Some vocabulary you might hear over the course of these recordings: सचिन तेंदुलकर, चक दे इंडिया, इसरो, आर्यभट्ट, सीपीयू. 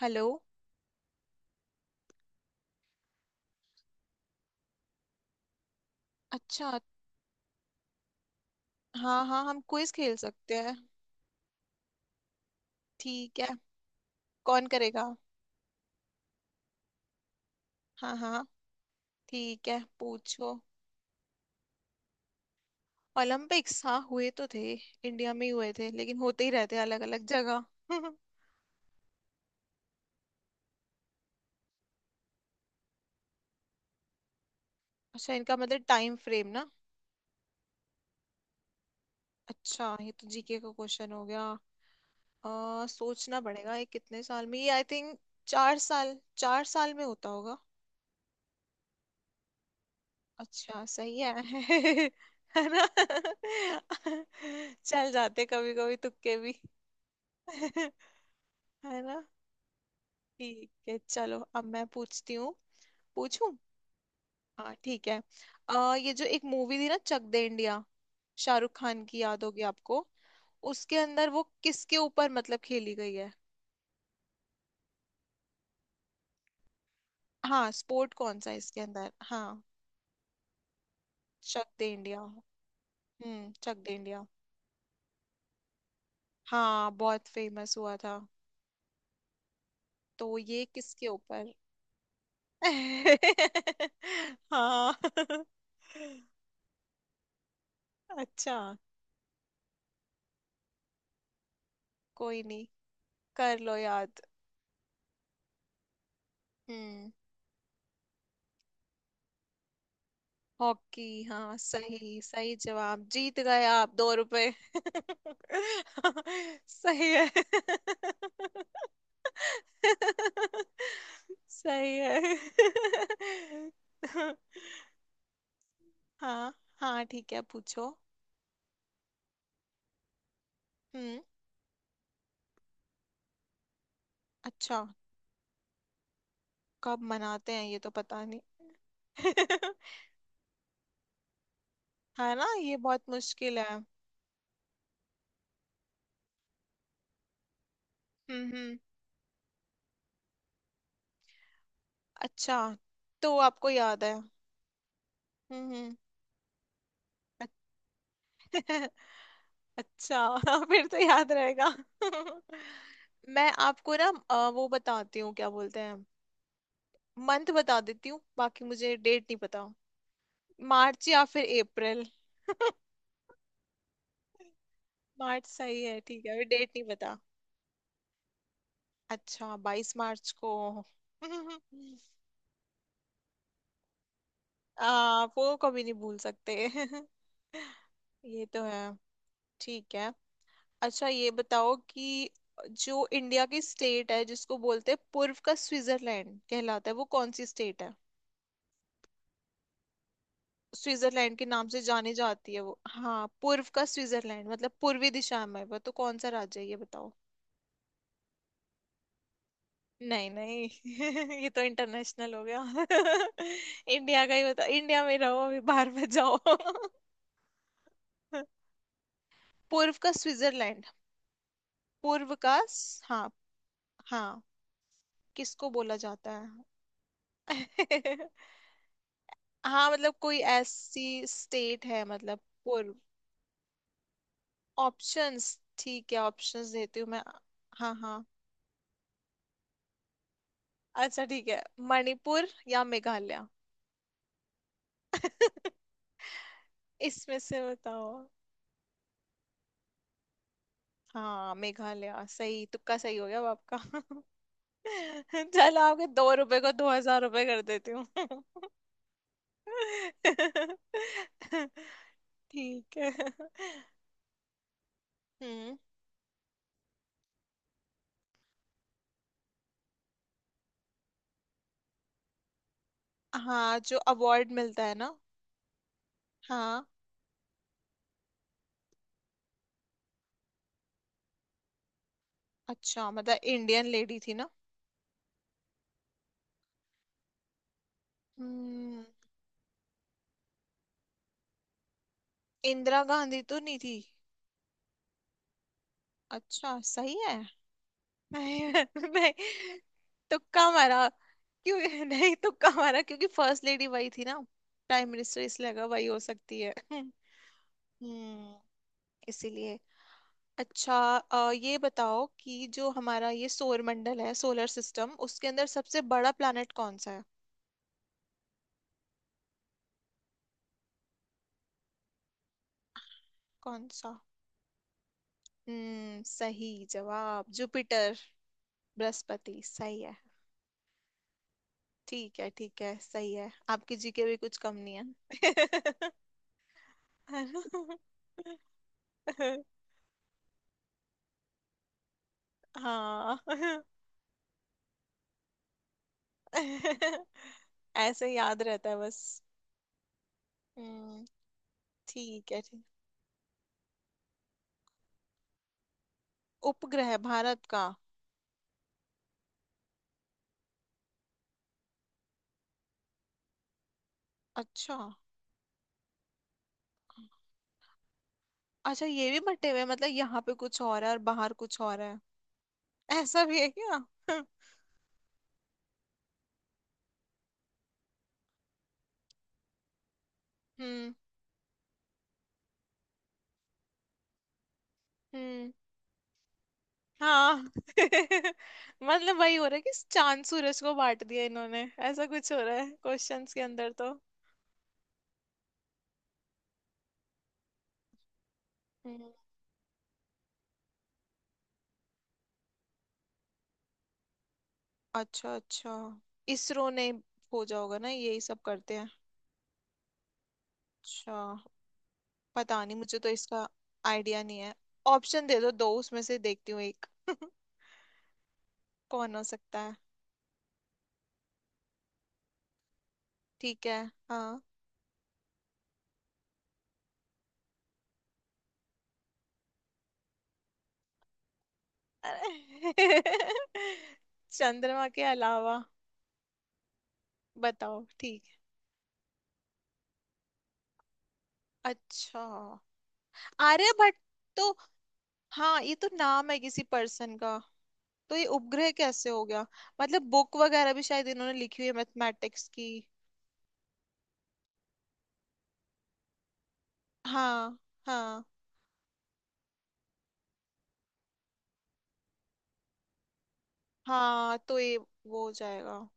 Hello. अच्छा। हाँ हाँ हम क्विज खेल सकते हैं। ठीक है। कौन करेगा। हाँ हाँ। ठीक है पूछो। ओलंपिक्स हाँ हुए तो थे इंडिया में ही हुए थे लेकिन होते ही रहते अलग अलग जगह। अच्छा इनका मतलब टाइम फ्रेम ना। अच्छा ये तो जीके का क्वेश्चन हो गया। सोचना पड़ेगा ये कितने साल में ये आई थिंक। 4 साल 4 साल में होता होगा। अच्छा सही है। है ना। चल जाते कभी कभी तुक्के भी। है ना। ठीक है चलो अब मैं पूछती हूँ। पूछूं। हाँ ठीक है। ये जो एक मूवी थी ना चक दे इंडिया। शाहरुख खान की याद होगी आपको। उसके अंदर वो किसके ऊपर मतलब खेली गई है। हाँ स्पोर्ट कौन सा है इसके अंदर हाँ। चक दे इंडिया। चक दे इंडिया। हाँ बहुत फेमस हुआ था। तो ये किसके ऊपर। हाँ अच्छा कोई नहीं। कर लो याद। हम्म। हॉकी हाँ सही सही जवाब जीत गए आप 2 रुपए। सही है। सही है। हाँ हाँ ठीक है पूछो। हम्म। अच्छा कब मनाते हैं ये तो पता नहीं। है ना ये बहुत मुश्किल है। हम्म। अच्छा तो आपको याद है। हम्म हम्म। अच्छा फिर तो याद रहेगा। मैं आपको ना वो बताती हूँ क्या बोलते हैं। मंथ बता देती हूँ बाकी मुझे डेट नहीं पता। मार्च या फिर अप्रैल। मार्च सही है ठीक है अभी डेट नहीं पता। अच्छा 22 मार्च को। आप वो कभी नहीं भूल सकते। ये तो है। ठीक है। अच्छा ये बताओ कि जो इंडिया की स्टेट है जिसको बोलते हैं पूर्व का स्विट्जरलैंड कहलाता है वो कौन सी स्टेट है। स्विट्जरलैंड के नाम से जानी जाती है वो हाँ पूर्व का स्विट्जरलैंड मतलब पूर्वी दिशा में वो तो कौन सा राज्य है ये बताओ। नहीं नहीं। ये तो इंटरनेशनल हो गया। इंडिया का ही बताओ इंडिया में रहो अभी बाहर मत जाओ। पूर्व का स्विट्जरलैंड। पूर्व का हाँ। हाँ किसको बोला जाता है। हाँ मतलब कोई ऐसी स्टेट है मतलब। पूर्व। ऑप्शंस ठीक है ऑप्शंस देती हूँ मैं। हाँ हाँ अच्छा ठीक है। मणिपुर या मेघालय। इसमें से बताओ। हाँ मेघालय सही तुक्का सही हो गया अब आपका। चलो आपके 2 रुपए को 2,000 रुपए कर देती हूँ। ठीक है। हम्म। हाँ जो अवार्ड मिलता है ना। हाँ। अच्छा मतलब इंडियन लेडी थी ना। हम्म। इंदिरा गांधी तो नहीं थी। अच्छा सही है। नहीं नहीं तुक्का मारा। क्यों नहीं तुक्का मारा क्योंकि फर्स्ट लेडी वही थी ना प्राइम मिनिस्टर इसलिए लगा वही हो सकती है। हम्म। इसीलिए। अच्छा ये बताओ कि जो हमारा ये सौरमंडल है सोलर सिस्टम उसके अंदर सबसे बड़ा प्लैनेट कौन सा है। कौन सा। सही जवाब जुपिटर। बृहस्पति सही है। ठीक है ठीक है सही है आपकी जीके भी कुछ कम नहीं है। है ना? हाँ ऐसे याद रहता है बस। हम्म। ठीक है ठीक। उपग्रह भारत का। अच्छा अच्छा ये भी बटे हुए हैं, मतलब यहाँ पे कुछ और है और बाहर कुछ और है। ऐसा भी है क्या हम्म। हम्म हाँ मतलब वही हो रहा है कि चांद सूरज को बांट दिया इन्होंने। ऐसा कुछ हो रहा है क्वेश्चंस के अंदर तो। हम्म। अच्छा अच्छा इसरो ने खोजा होगा ना यही सब करते हैं। अच्छा पता नहीं मुझे तो इसका आइडिया नहीं है। ऑप्शन दे दो दो उसमें से देखती हूँ एक। कौन हो सकता है। ठीक है। हाँ। अरे चंद्रमा के अलावा। बताओ ठीक है। अच्छा आर्यभट्ट तो हाँ ये तो नाम है किसी पर्सन का। तो ये उपग्रह कैसे हो गया। मतलब बुक वगैरह भी शायद इन्होंने लिखी हुई है मैथमेटिक्स की। हाँ हाँ हाँ तो ये वो हो जाएगा।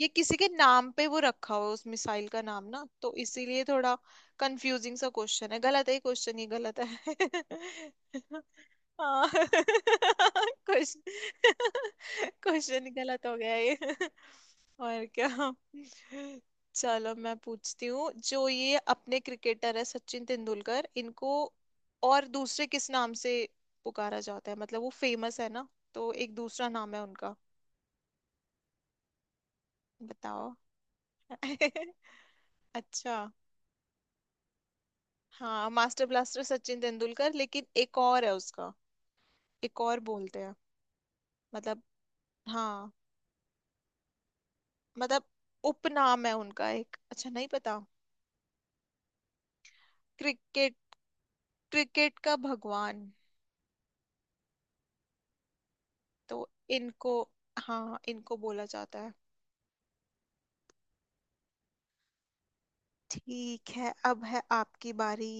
ये किसी के नाम पे वो रखा हुआ है उस मिसाइल का नाम ना तो इसीलिए थोड़ा कंफ्यूजिंग सा क्वेश्चन है गलत है ये क्वेश्चन ही गलत है। हाँ क्वेश्चन क्वेश्चन गलत हो गया ये। और क्या। चलो मैं पूछती हूँ जो ये अपने क्रिकेटर है सचिन तेंदुलकर इनको और दूसरे किस नाम से पुकारा जाता है मतलब वो फेमस है ना। तो एक दूसरा नाम है उनका। बताओ। अच्छा। हाँ मास्टर ब्लास्टर सचिन तेंदुलकर लेकिन एक और है उसका। एक और बोलते हैं। मतलब। हाँ मतलब उपनाम है उनका एक अच्छा नहीं पता। क्रिकेट क्रिकेट का भगवान। तो इनको। हाँ इनको बोला जाता है। ठीक है अब है आपकी बारी।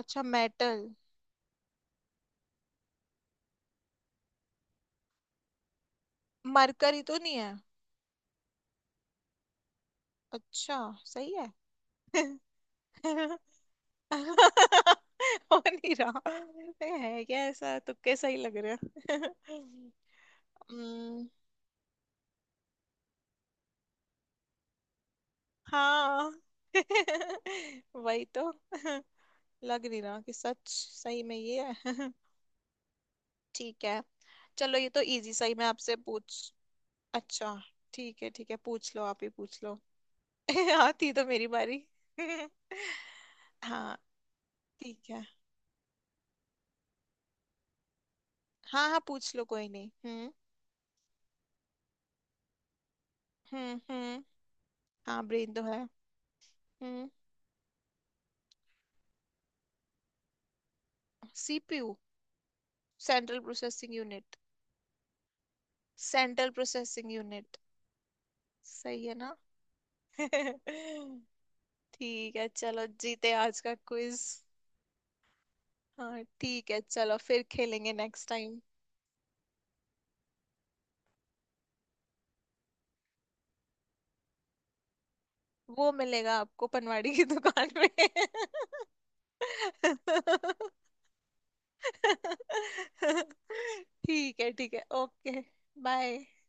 अच्छा मेटल। मरकरी तो नहीं है। अच्छा सही है। हो नहीं रहा है क्या ऐसा तुक्के सही लग रहे हैं। हम्म, हाँ वही तो लग नहीं रहा कि सच सही में ये है। ठीक है। चलो ये तो इजी सा ही मैं आपसे पूछ। अच्छा ठीक है पूछ लो आप ही पूछ लो। हाँ थी तो मेरी बारी। हाँ ठीक है। हाँ हाँ पूछ लो कोई नहीं। हम्म। हाँ ब्रेन तो है। हम्म। सीपीयू। Central processing unit. Central processing unit. सही है ना। ठीक है चलो जीते आज का क्विज। हाँ ठीक है चलो फिर खेलेंगे नेक्स्ट टाइम। वो मिलेगा आपको पनवाड़ी की दुकान में। ठीक है ओके बाय।